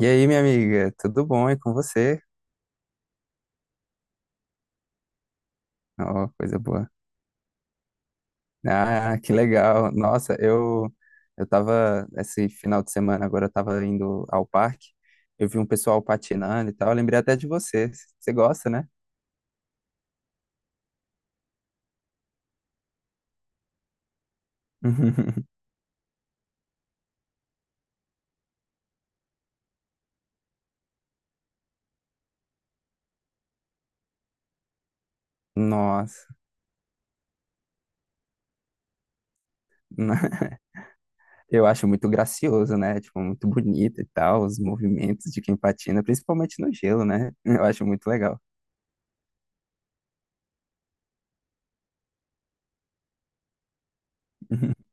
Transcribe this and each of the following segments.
E aí, minha amiga, tudo bom? E com você? Ó, coisa boa. Ah, que legal. Nossa, eu tava esse final de semana agora, eu tava indo ao parque. Eu vi um pessoal patinando e tal, eu lembrei até de você. Você gosta, né? Nossa. Eu acho muito gracioso, né? Tipo, muito bonito e tal, os movimentos de quem patina, principalmente no gelo, né? Eu acho muito legal.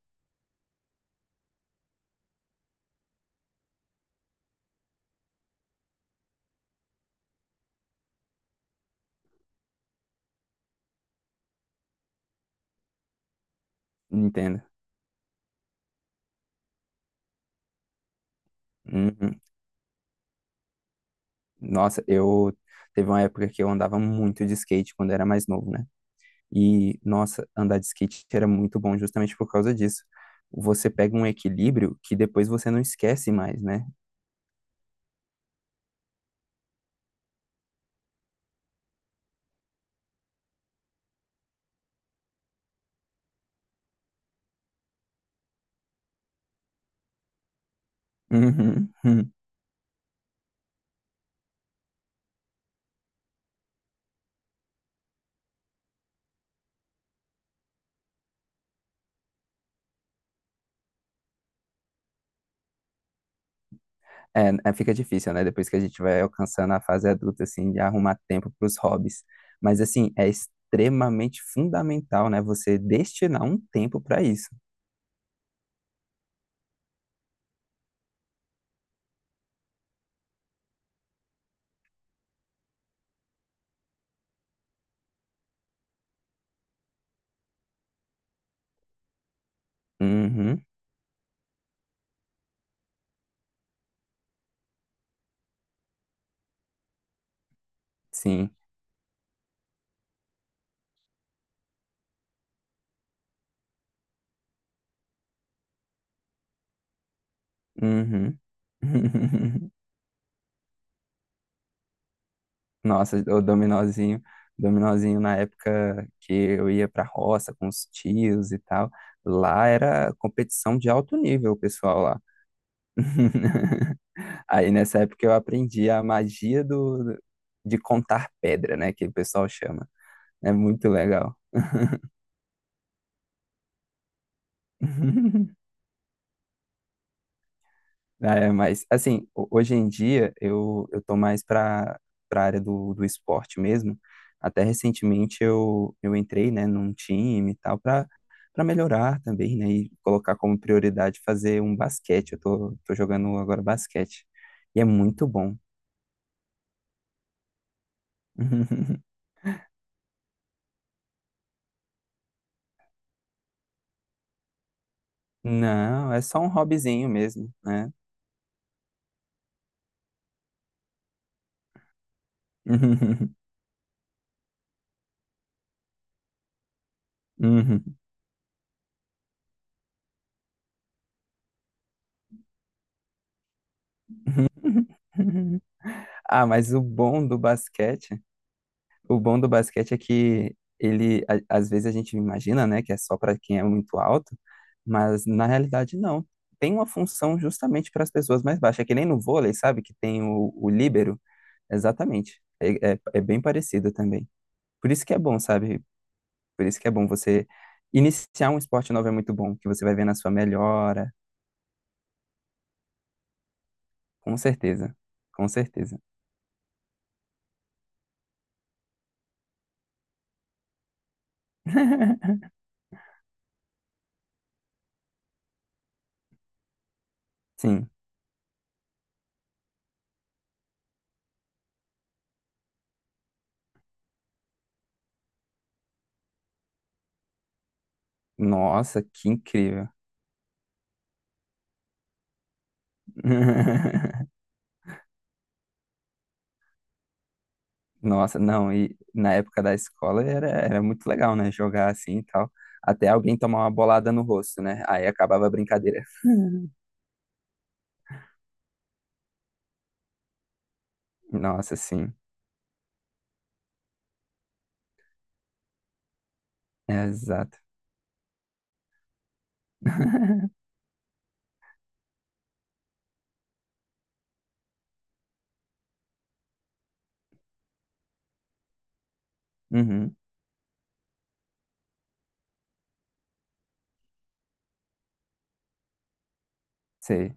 Entendo. Uhum. Nossa, eu teve uma época que eu andava muito de skate quando era mais novo, né? E, nossa, andar de skate era muito bom justamente por causa disso. Você pega um equilíbrio que depois você não esquece mais, né? Uhum. É, é, fica difícil, né? Depois que a gente vai alcançando a fase adulta, assim, de arrumar tempo para os hobbies. Mas, assim, é extremamente fundamental, né? Você destinar um tempo para isso. Uhum, sim. Uhum. Nossa, o dominozinho, dominozinho na época que eu ia pra roça com os tios e tal, lá era competição de alto nível, o pessoal lá. Aí nessa época eu aprendi a magia do de contar pedra, né, que o pessoal chama. É muito legal. É, mas, assim, hoje em dia eu tô mais para para área do, do esporte mesmo. Até recentemente eu entrei, né, num time e tal, para para melhorar também, né, e colocar como prioridade fazer um basquete. Eu tô jogando agora basquete. E é muito bom. Não, é só um hobbyzinho mesmo, né? Uhum. Ah, mas o bom do basquete é que ele, às vezes a gente imagina, né, que é só para quem é muito alto, mas na realidade não. Tem uma função justamente para as pessoas mais baixas, é que nem no vôlei, sabe, que tem o líbero, exatamente. É bem parecido também. Por isso que é bom, sabe? Por isso que é bom você iniciar um esporte novo, é muito bom, que você vai ver na sua melhora, com certeza, com certeza. Sim. Nossa, que incrível. Nossa, não, e na época da escola era, era muito legal, né? Jogar assim e tal. Até alguém tomar uma bolada no rosto, né? Aí acabava a brincadeira. Nossa, sim. É, exato. Uhum, sei.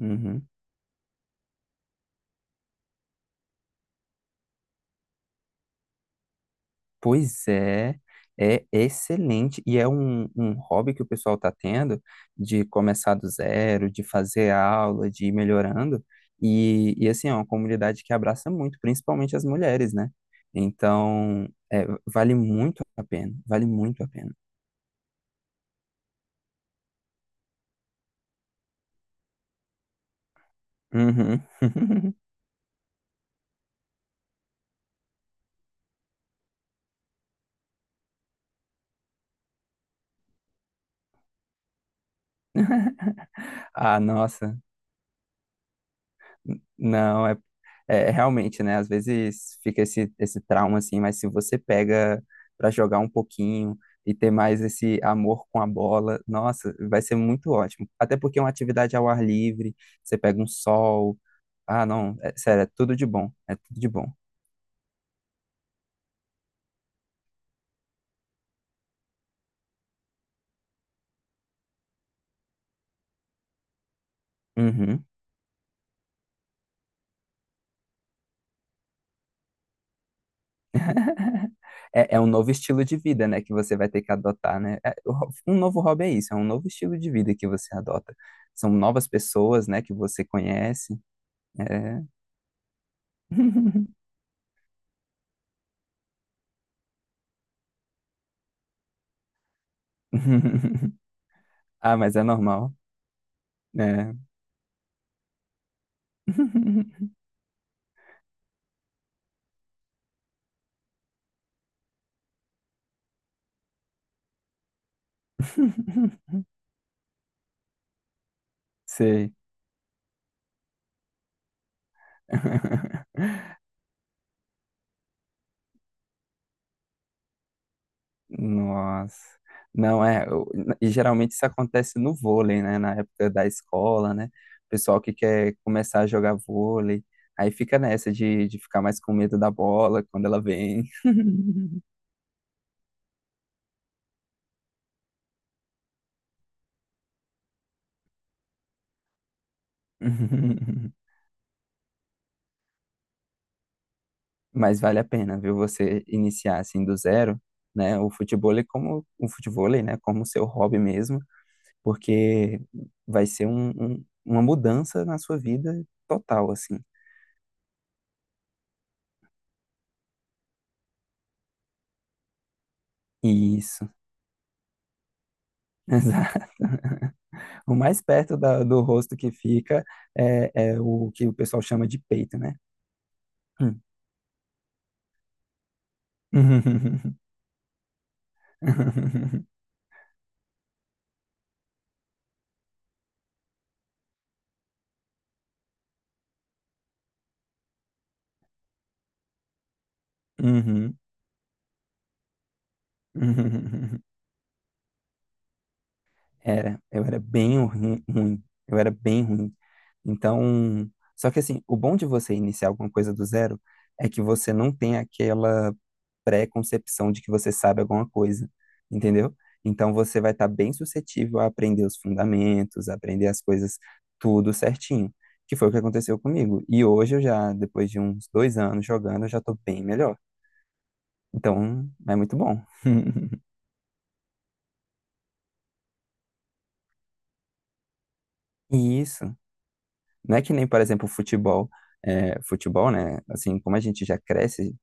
Uhum. Pois é, é excelente e é um hobby que o pessoal está tendo de começar do zero, de fazer aula, de ir melhorando. E assim, é uma comunidade que abraça muito, principalmente as mulheres, né? Então, é, vale muito a pena, vale muito a pena. Uhum. Ah, nossa. Não, é, é realmente, né? Às vezes fica esse trauma assim, mas se você pega para jogar um pouquinho e ter mais esse amor com a bola, nossa, vai ser muito ótimo. Até porque é uma atividade ao ar livre, você pega um sol. Ah, não, é, sério, é tudo de bom, é tudo de bom. Uhum. É, é um novo estilo de vida, né, que você vai ter que adotar, né? É, um novo hobby é isso, é um novo estilo de vida que você adota. São novas pessoas, né, que você conhece. É. Ah, mas é normal, né? Sei. Nossa. Não é, eu- E geralmente isso acontece no vôlei, né? Na época da escola, né? O pessoal que quer começar a jogar vôlei, aí fica nessa de ficar mais com medo da bola quando ela vem. Mas vale a pena, viu? Você iniciar assim do zero, né? O futebol é como o futevôlei, né? Como seu hobby mesmo. Porque vai ser uma mudança na sua vida total, assim. Isso, exato. O mais perto do rosto que fica é, é o que o pessoal chama de peito, né? Hum. Uhum. Era, eu era bem ruim, eu era bem ruim. Então, só que assim, o bom de você iniciar alguma coisa do zero é que você não tem aquela pré-concepção de que você sabe alguma coisa, entendeu? Então você vai estar bem suscetível a aprender os fundamentos, a aprender as coisas tudo certinho, que foi o que aconteceu comigo. E hoje eu já, depois de uns 2 anos jogando, eu já estou bem melhor. Então é muito bom. E isso não é que nem, por exemplo, futebol. É, futebol, né? Assim, como a gente já cresce,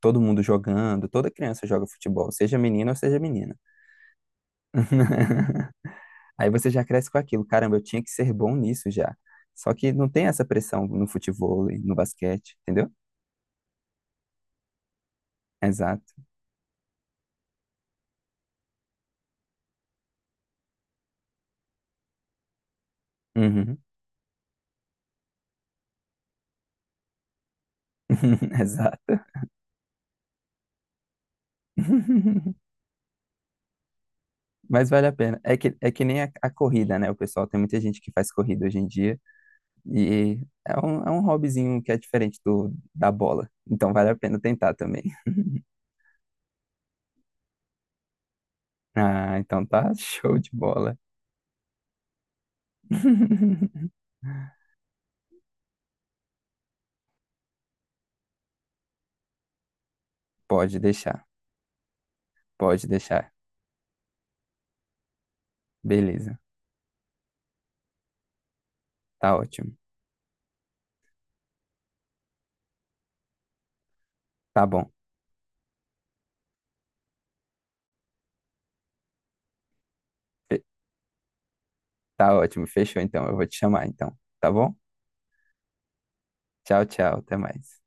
todo mundo jogando, toda criança joga futebol, seja menino ou seja menina. Aí você já cresce com aquilo. Caramba, eu tinha que ser bom nisso já. Só que não tem essa pressão no futebol, no basquete, entendeu? Exato. Uhum. Exato. Mas vale a pena. É que nem a corrida, né? O pessoal tem muita gente que faz corrida hoje em dia e é um hobbyzinho que é diferente do, da bola. Então vale a pena tentar também. Ah, então tá show de bola. Pode deixar, pode deixar. Beleza, tá ótimo. Tá bom. Tá ótimo, fechou então. Eu vou te chamar então, tá bom? Tchau, tchau, até mais.